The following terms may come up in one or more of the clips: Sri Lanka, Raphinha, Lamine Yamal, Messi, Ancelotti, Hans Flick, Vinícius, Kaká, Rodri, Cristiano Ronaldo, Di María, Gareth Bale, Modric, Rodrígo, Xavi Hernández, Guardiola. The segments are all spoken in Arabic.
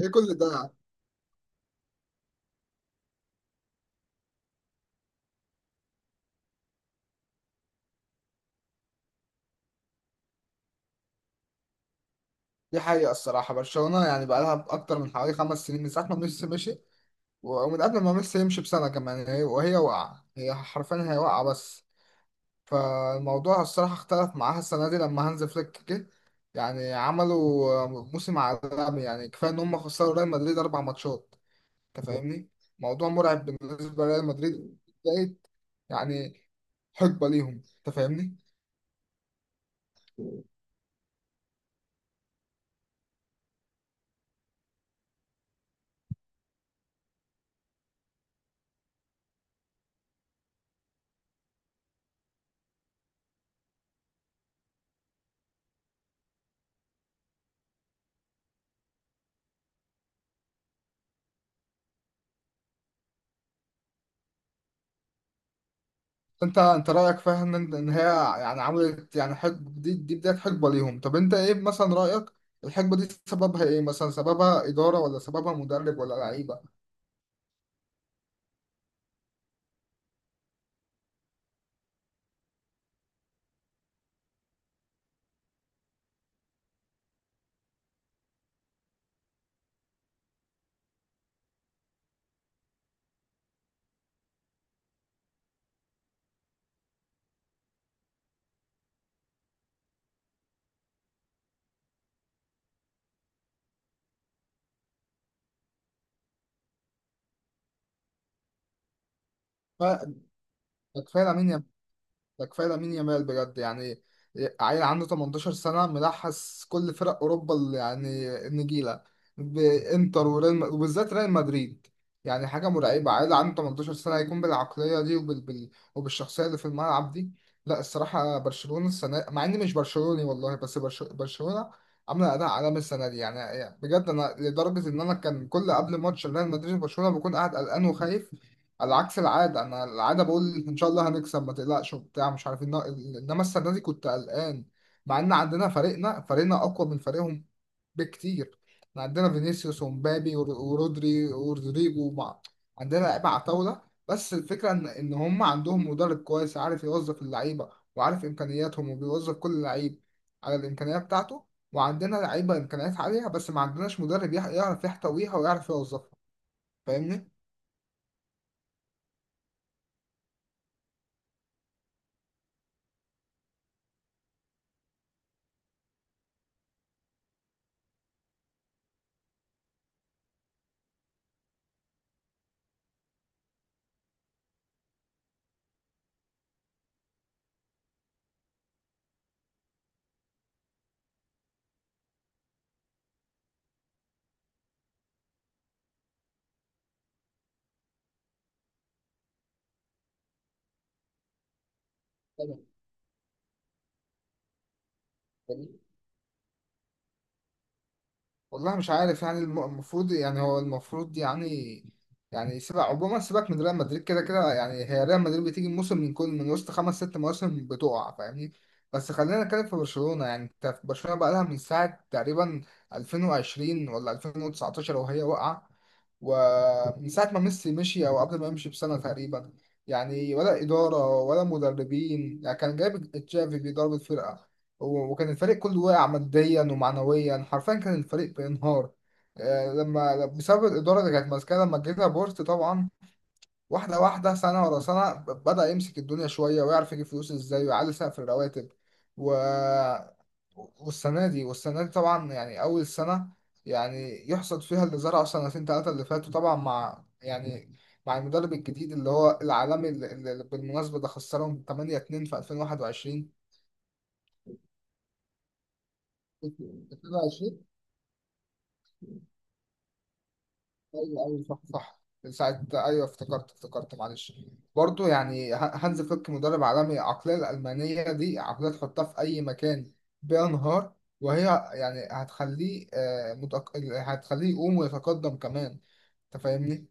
ايه كل ده؟ دي حقيقة، الصراحة برشلونة يعني بقى لها أكتر من حوالي 5 سنين من ساعة ما ميسي مشي، ومن قبل ما ميسي يمشي بسنة كمان هي وهي واقعة، هي حرفيا هي واقعة بس. فالموضوع الصراحة اختلف معاها السنة دي لما هانز فليك جه. يعني عملوا موسم عالمي، يعني كفاية إن هم خسروا ريال مدريد 4 ماتشات. أنت فاهمني؟ موضوع مرعب بالنسبة لريال مدريد. بقيت يعني حقبة ليهم، أنت فاهمني؟ انت رايك فاهم ان هي يعني عملت، يعني حقبه، دي بدايه حقبه ليهم. طب انت ايه مثلا رايك الحقبه دي سببها ايه؟ مثلا سببها اداره ولا سببها مدرب ولا لعيبه؟ فكفايه لامين، ده كفايه لامين يامال بجد يعني. عيل عنده 18 سنه ملحس كل فرق اوروبا اللي يعني النجيله، بانتر وريال وبالذات ريال مدريد. يعني حاجه مرعبه، عيل عنده 18 سنه يكون بالعقليه دي وبالشخصيه اللي في الملعب دي. لا الصراحه برشلونه السنه، مع اني مش برشلوني والله، بس برشلونه عامله اداء عالمي السنه دي يعني بجد. انا لدرجه ان انا كان كل قبل ماتش ريال مدريد وبرشلونه بكون قاعد قلقان وخايف، على عكس العادة. أنا العادة بقول إن شاء الله هنكسب ما تقلقش وبتاع، مش عارف إنما السنة دي كنت قلقان، مع إن عندنا فريقنا أقوى من فريقهم بكتير. إحنا عندنا فينيسيوس ومبابي ورودري ورودريجو عندنا لعيبة على طاولة. بس الفكرة إن هم عندهم مدرب كويس عارف يوظف اللعيبة، وعارف إمكانياتهم وبيوظف كل لعيب على الإمكانية بتاعته. وعندنا لعيبة إمكانيات عالية بس ما عندناش مدرب يعرف يحتويها ويعرف يوظفها. فاهمني؟ تمام. والله مش عارف يعني، المفروض يعني، هو المفروض يعني، يعني سيبك عموما، سيبك من ريال مدريد كده كده. يعني هي ريال مدريد بتيجي موسم من كل من وسط خمس ست مواسم بتقع، فاهمني؟ بس خلينا نتكلم في برشلونة. يعني انت في برشلونة بقى لها من ساعة تقريبا 2020 ولا 2019 وهي واقعة، ومن ساعة ما ميسي مشي أو قبل ما يمشي بسنة تقريبا. يعني ولا إدارة ولا مدربين، يعني كان جايب تشافي بيدرب الفرقة، وكان الفريق كله واقع ماديا ومعنويا، حرفيا كان الفريق بينهار، آه، لما بسبب الإدارة اللي كانت ماسكاها. لما جه بورت طبعا، واحدة واحدة، سنة ورا سنة، بدأ يمسك الدنيا شوية ويعرف يجيب فلوس ازاي ويعلي سقف الرواتب و... والسنة دي، والسنة دي طبعا يعني أول سنة يعني يحصد فيها اللي زرعه سنتين تلاتة اللي فاتوا، طبعا مع يعني، مع المدرب الجديد اللي هو العالمي، اللي بالمناسبة ده خسرهم 8-2 في 2021. ايوه ايوه، صح صح، ساعة. ايوه افتكرت، معلش. برضو يعني هانز فليك مدرب عالمي، العقلية الألمانية دي عقلية تحطها في أي مكان بينهار وهي، يعني هتخليه، آه، هتخليه يقوم ويتقدم كمان، أنت فاهمني؟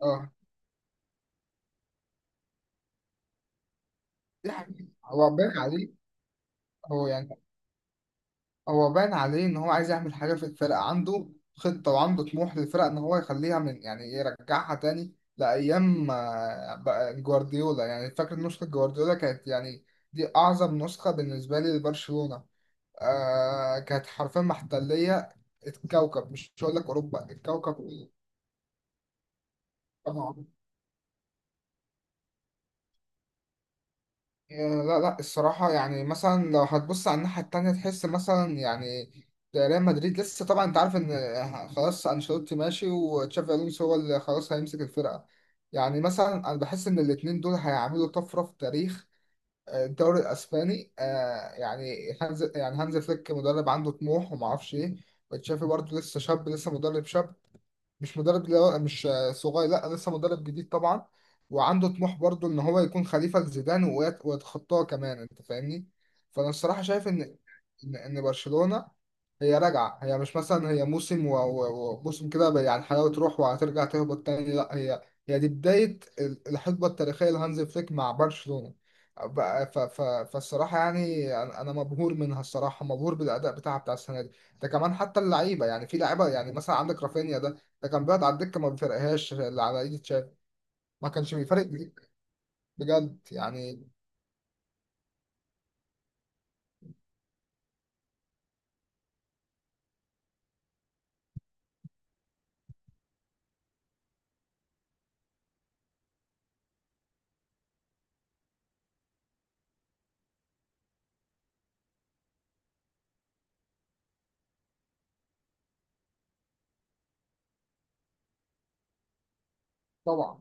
اه، دي حقيقة هو باين عليه. هو يعني هو باين عليه ان هو عايز يعمل حاجه في الفرقه، عنده خطه وعنده طموح للفرقه ان هو يخليها من، يعني يرجعها تاني لايام، آه، بقى جوارديولا. يعني فاكر نسخه جوارديولا كانت يعني دي اعظم نسخه بالنسبه لي لبرشلونه. آه، كانت حرفيا محتليه الكوكب، مش هقول لك اوروبا، الكوكب كله. آه، لا لا، الصراحة يعني مثلا لو هتبص على الناحية التانية تحس مثلا يعني ريال مدريد لسه، طبعا انت عارف ان خلاص انشيلوتي ماشي، وتشافي الونسو هو اللي خلاص هيمسك الفرقة. يعني مثلا انا بحس ان الاتنين دول هيعملوا طفرة في تاريخ، آه، الدوري الاسباني. آه، يعني هانز فليك مدرب عنده طموح وما اعرفش ايه، وتشافي برضه لسه شاب، لسه مدرب شاب، مش مدرب اللي هو مش صغير، لا لسه مدرب جديد طبعا، وعنده طموح برضو ان هو يكون خليفة لزيدان ويتخطاه كمان، انت فاهمني. فانا الصراحة شايف ان، إن برشلونه هي راجعه، هي مش مثلا هي موسم وموسم كده بقى يعني الحلاوه تروح وهترجع تهبط تاني، لا هي، هي دي بدايه الحقبه التاريخيه لهانز فليك مع برشلونه. بقى ف ف فالصراحه يعني أنا مبهور منها، الصراحه مبهور بالاداء بتاعها بتاع السنه دي. ده كمان حتى اللعيبه يعني، في لعيبه يعني مثلا عندك رافينيا ده، ده كان بيقعد على الدكه ما بيفرقهاش اللي على ايد تشافي، ما كانش بيفرق بجد يعني. طبعا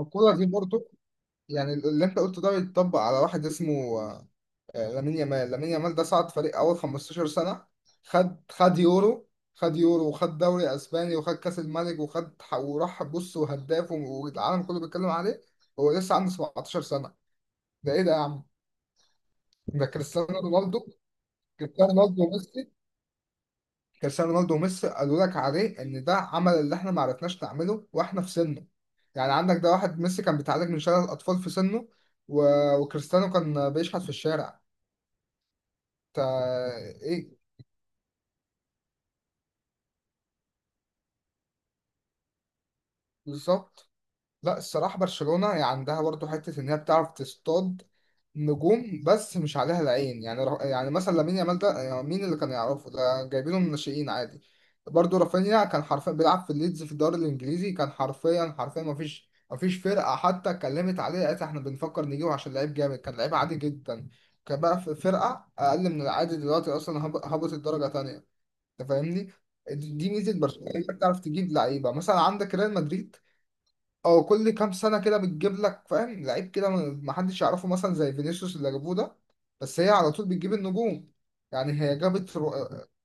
الكوره دي برضه يعني اللي انت قلته ده بيتطبق على واحد اسمه، آه، لامين يامال. لامين يامال ده صعد فريق اول 15 سنة، خد يورو، خد يورو وخد دوري اسباني وخد كاس الملك وخد وراح بص، وهداف والعالم كله بيتكلم عليه. هو لسه عنده 17 سنة! ده ايه ده يا عم؟ ده كريستيانو رونالدو، كريستيانو رونالدو وميسي. كريستيانو رونالدو وميسي قالوا لك عليه ان ده عمل اللي احنا ما عرفناش نعمله واحنا في سنه. يعني عندك ده، واحد ميسي كان بيتعالج من شلل الاطفال في سنه و... وكريستيانو كان بيشحت في الشارع. ايه، بالظبط. لا الصراحه برشلونه يعني عندها برضو حته ان هي بتعرف تصطاد نجوم بس مش عليها العين، يعني يعني مثلا لامين يامال ده يعني مين اللي كان يعرفه؟ ده جايبينه من الناشئين عادي. برضو رافينيا كان حرفيا بيلعب في ليدز في الدوري الانجليزي، كان حرفيا حرفيا ما فيش فرقه حتى اتكلمت عليه قالت احنا بنفكر نجيبه عشان لعيب جامد، كان لعيب عادي جدا، كان بقى في فرقه اقل من العادي دلوقتي اصلا، هبط الدرجه تانية، انت فاهمني. دي ميزه برشلونه، انت بتعرف تجيب لعيبه. مثلا عندك ريال مدريد او كل كام سنه كده بتجيب لك فاهم لعيب كده ما حدش يعرفه مثلا، زي فينيسيوس اللي جابوه ده، بس هي على طول بتجيب النجوم. يعني هي جابت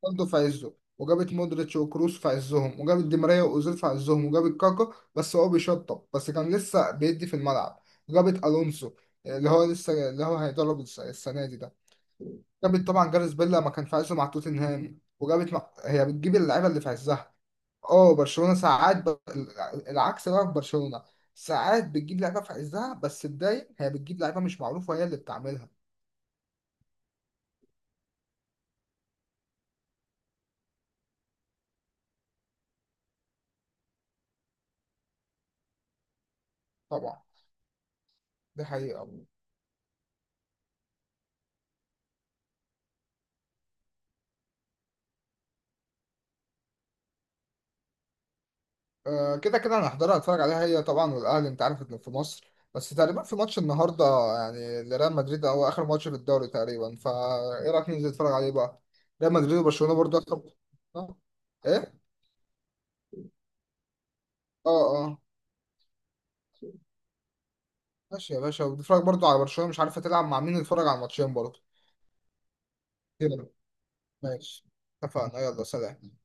رونالدو في عزه، وجابت مودريتش وكروس في عزهم، وجابت دي ماريا واوزيل في عزهم، وجابت كاكا بس هو بيشطب، بس كان لسه بيدي في الملعب، وجابت الونسو اللي هو لسه، اللي هو هيدرب السنه دي ده، جابت طبعا جاريث بيل لما كان في عزه مع توتنهام، هي بتجيب اللعيبه اللي في عزها. اه برشلونه ساعات العكس بقى، في برشلونه ساعات بتجيب لعيبه في عزها بس الدايم هي بتجيب لعيبه مش معروفه وهي اللي بتعملها. طبعا، دي حقيقه. آه، كده كده انا هحضرها اتفرج عليها هي طبعا، والاهلي انت عارف انه في مصر بس. تقريبا في ماتش النهارده يعني لريال مدريد، او اخر ماتش في الدوري تقريبا. فايه رايك ننزل نتفرج عليه بقى؟ ريال مدريد وبرشلونه برضه اخر، آه. ايه؟ اه اه، ماشي يا باشا. وبتتفرج برضو على برشلونة مش عارفة تلعب مع مين؟ تتفرج على الماتشين برضو كده؟ ماشي، اتفقنا، يلا سلام.